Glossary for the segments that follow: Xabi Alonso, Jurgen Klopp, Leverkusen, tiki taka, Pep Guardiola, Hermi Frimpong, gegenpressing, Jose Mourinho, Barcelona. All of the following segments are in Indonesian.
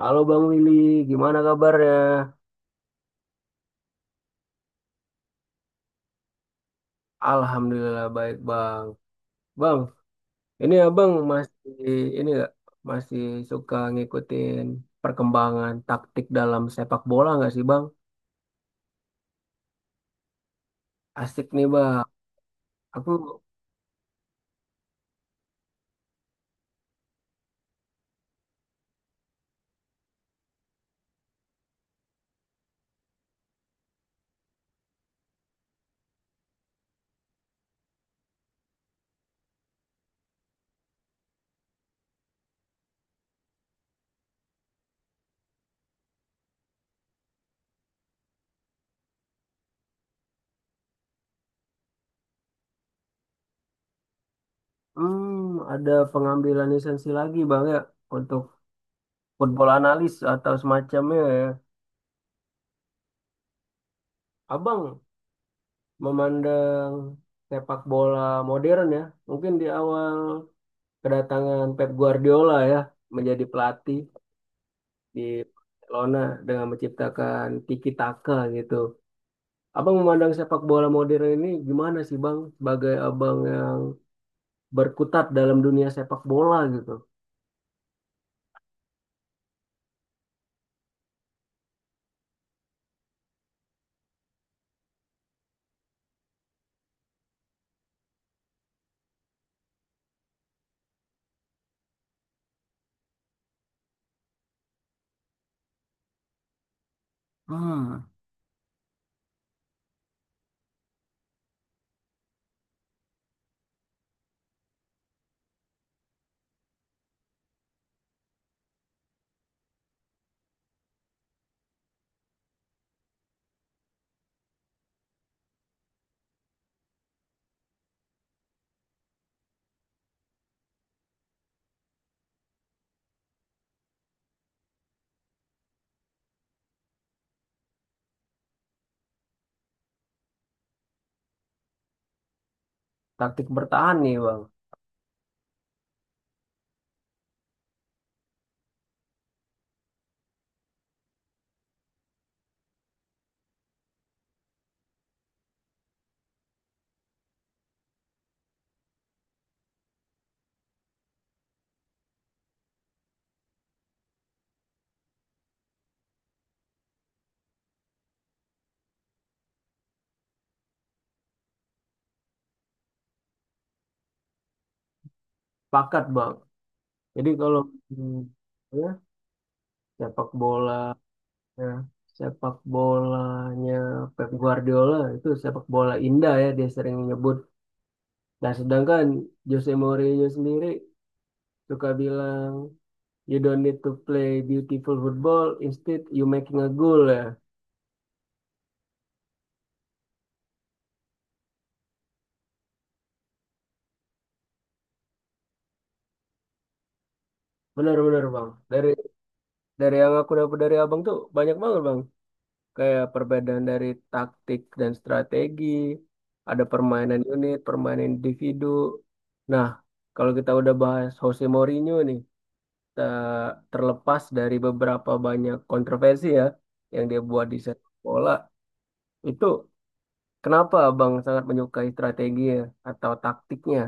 Halo Bang Willy, gimana kabarnya? Alhamdulillah baik Bang. Bang, ini Abang masih ini nggak masih suka ngikutin perkembangan taktik dalam sepak bola nggak sih Bang? Asik nih Bang. Aku hmm, ada pengambilan lisensi lagi Bang ya untuk football analis atau semacamnya ya. Abang memandang sepak bola modern ya, mungkin di awal kedatangan Pep Guardiola ya menjadi pelatih. Di Barcelona dengan menciptakan tiki taka gitu. Abang memandang sepak bola modern ini gimana sih Bang sebagai abang yang berkutat dalam dunia sepak bola gitu. Hmm. Taktik bertahan nih Bang. Pakat Bang. Jadi kalau hmm, ya, sepak bola ya, sepak bolanya Pep Guardiola itu sepak bola indah ya dia sering menyebut. Nah sedangkan Jose Mourinho sendiri suka bilang, "You don't need to play beautiful football, instead you making a goal" ya. Benar-benar bang. Dari yang aku dapat dari abang tuh banyak banget bang. Kayak perbedaan dari taktik dan strategi, ada permainan unit, permainan individu. Nah, kalau kita udah bahas Jose Mourinho nih, terlepas dari beberapa banyak kontroversi ya yang dia buat di sepak bola, itu kenapa abang sangat menyukai strateginya atau taktiknya?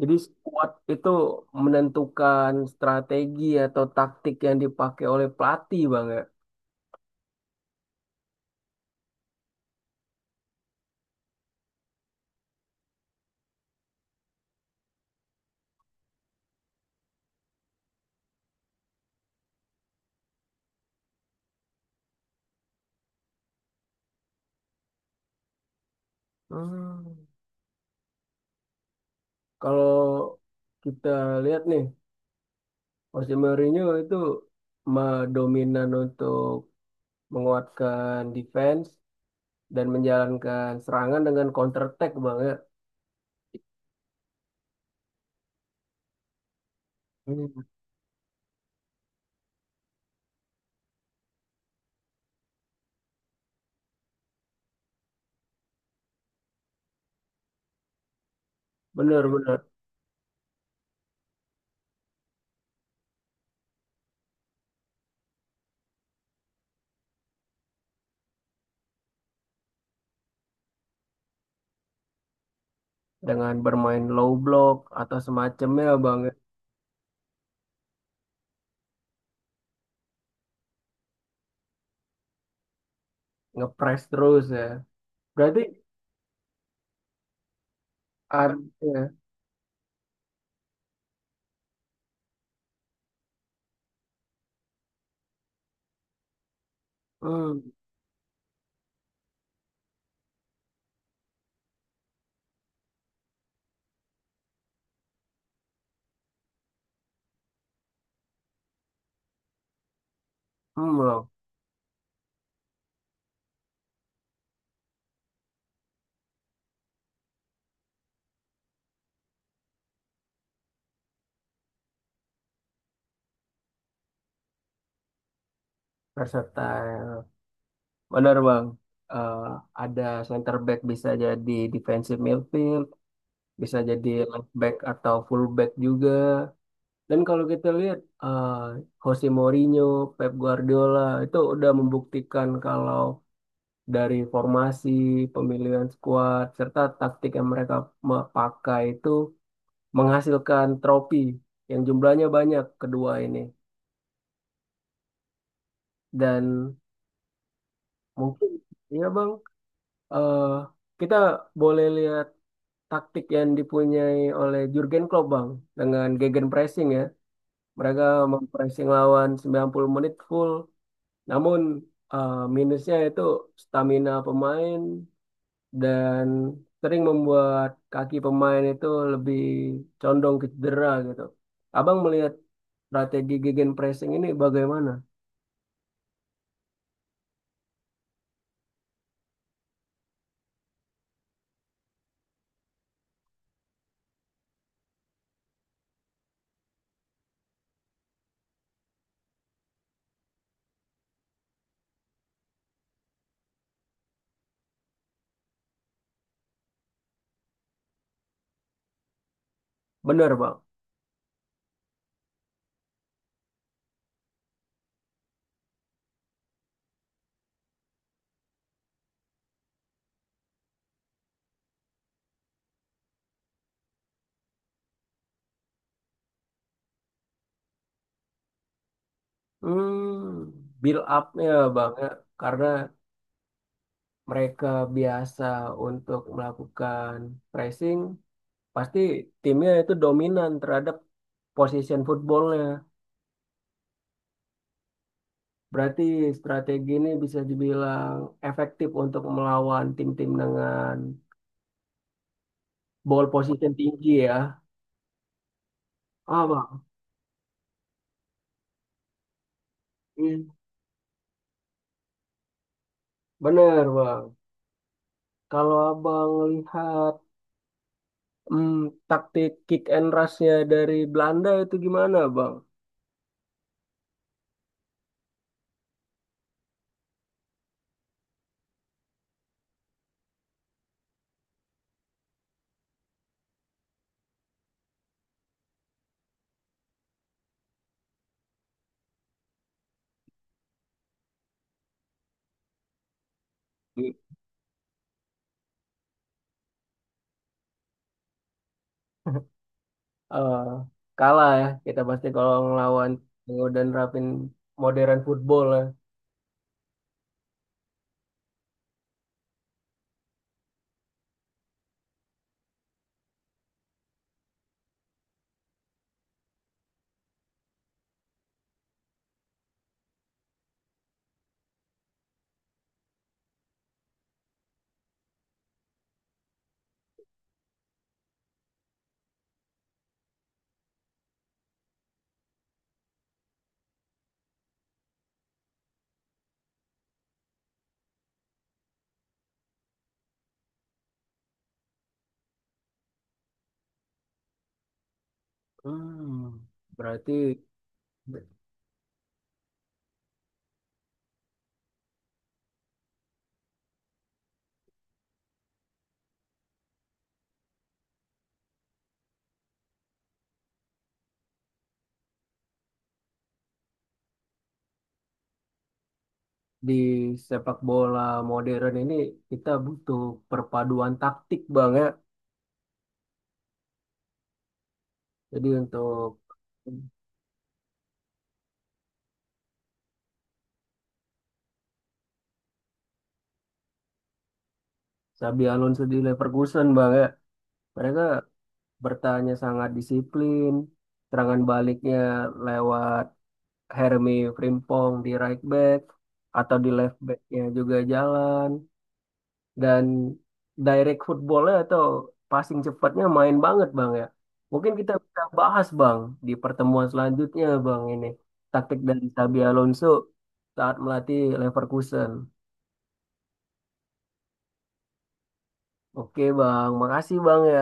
Jadi squad itu menentukan strategi atau taktik yang dipakai oleh pelatih bang ya. Hmm. Kalau kita lihat nih, Jose Mourinho itu dominan untuk menguatkan defense dan menjalankan serangan dengan counter attack bang ya. Hmm. Bener-bener dengan bermain low block atau semacamnya bang ya. Ngepres terus ya. Berarti artinya hmm, hmm loh, versatile. Benar bang, Eh, ada center back bisa jadi defensive midfield, bisa jadi left back atau full back juga. Dan kalau kita lihat Jose Mourinho, Pep Guardiola itu udah membuktikan kalau dari formasi, pemilihan skuad, serta taktik yang mereka pakai itu menghasilkan trofi yang jumlahnya banyak kedua ini. Dan mungkin ya bang, eh kita boleh lihat taktik yang dipunyai oleh Jurgen Klopp Bang dengan gegenpressing ya. Mereka mempressing lawan 90 menit full. Namun minusnya itu stamina pemain dan sering membuat kaki pemain itu lebih condong ke cedera gitu. Abang melihat strategi gegenpressing ini bagaimana? Benar Bang. Hmm, build up-nya Bang ya. Karena mereka biasa untuk melakukan pressing, pasti timnya itu dominan terhadap position footballnya. Berarti strategi ini bisa dibilang efektif untuk melawan tim-tim dengan ball position tinggi ya. Ah, Bang. Hmm. Bener, Bang. Kalau Abang lihat hmm, taktik kick and rush-nya dari Belanda itu gimana, Bang? Hmm. eh, kalah ya kita pasti kalau ngelawan dan nerapin modern football ya. Hmm, berarti di sepak bola modern ini kita butuh perpaduan taktik bang ya. Jadi. Xabi Alonso di Leverkusen bang ya, mereka bertanya sangat disiplin. Serangan baliknya lewat Hermi Frimpong di right back atau di left backnya juga jalan. Dan direct footballnya atau passing cepatnya main banget bang ya. Mungkin kita bisa bahas bang di pertemuan selanjutnya bang ini taktik dari Xabi Alonso saat melatih Leverkusen. Oke bang, makasih bang ya.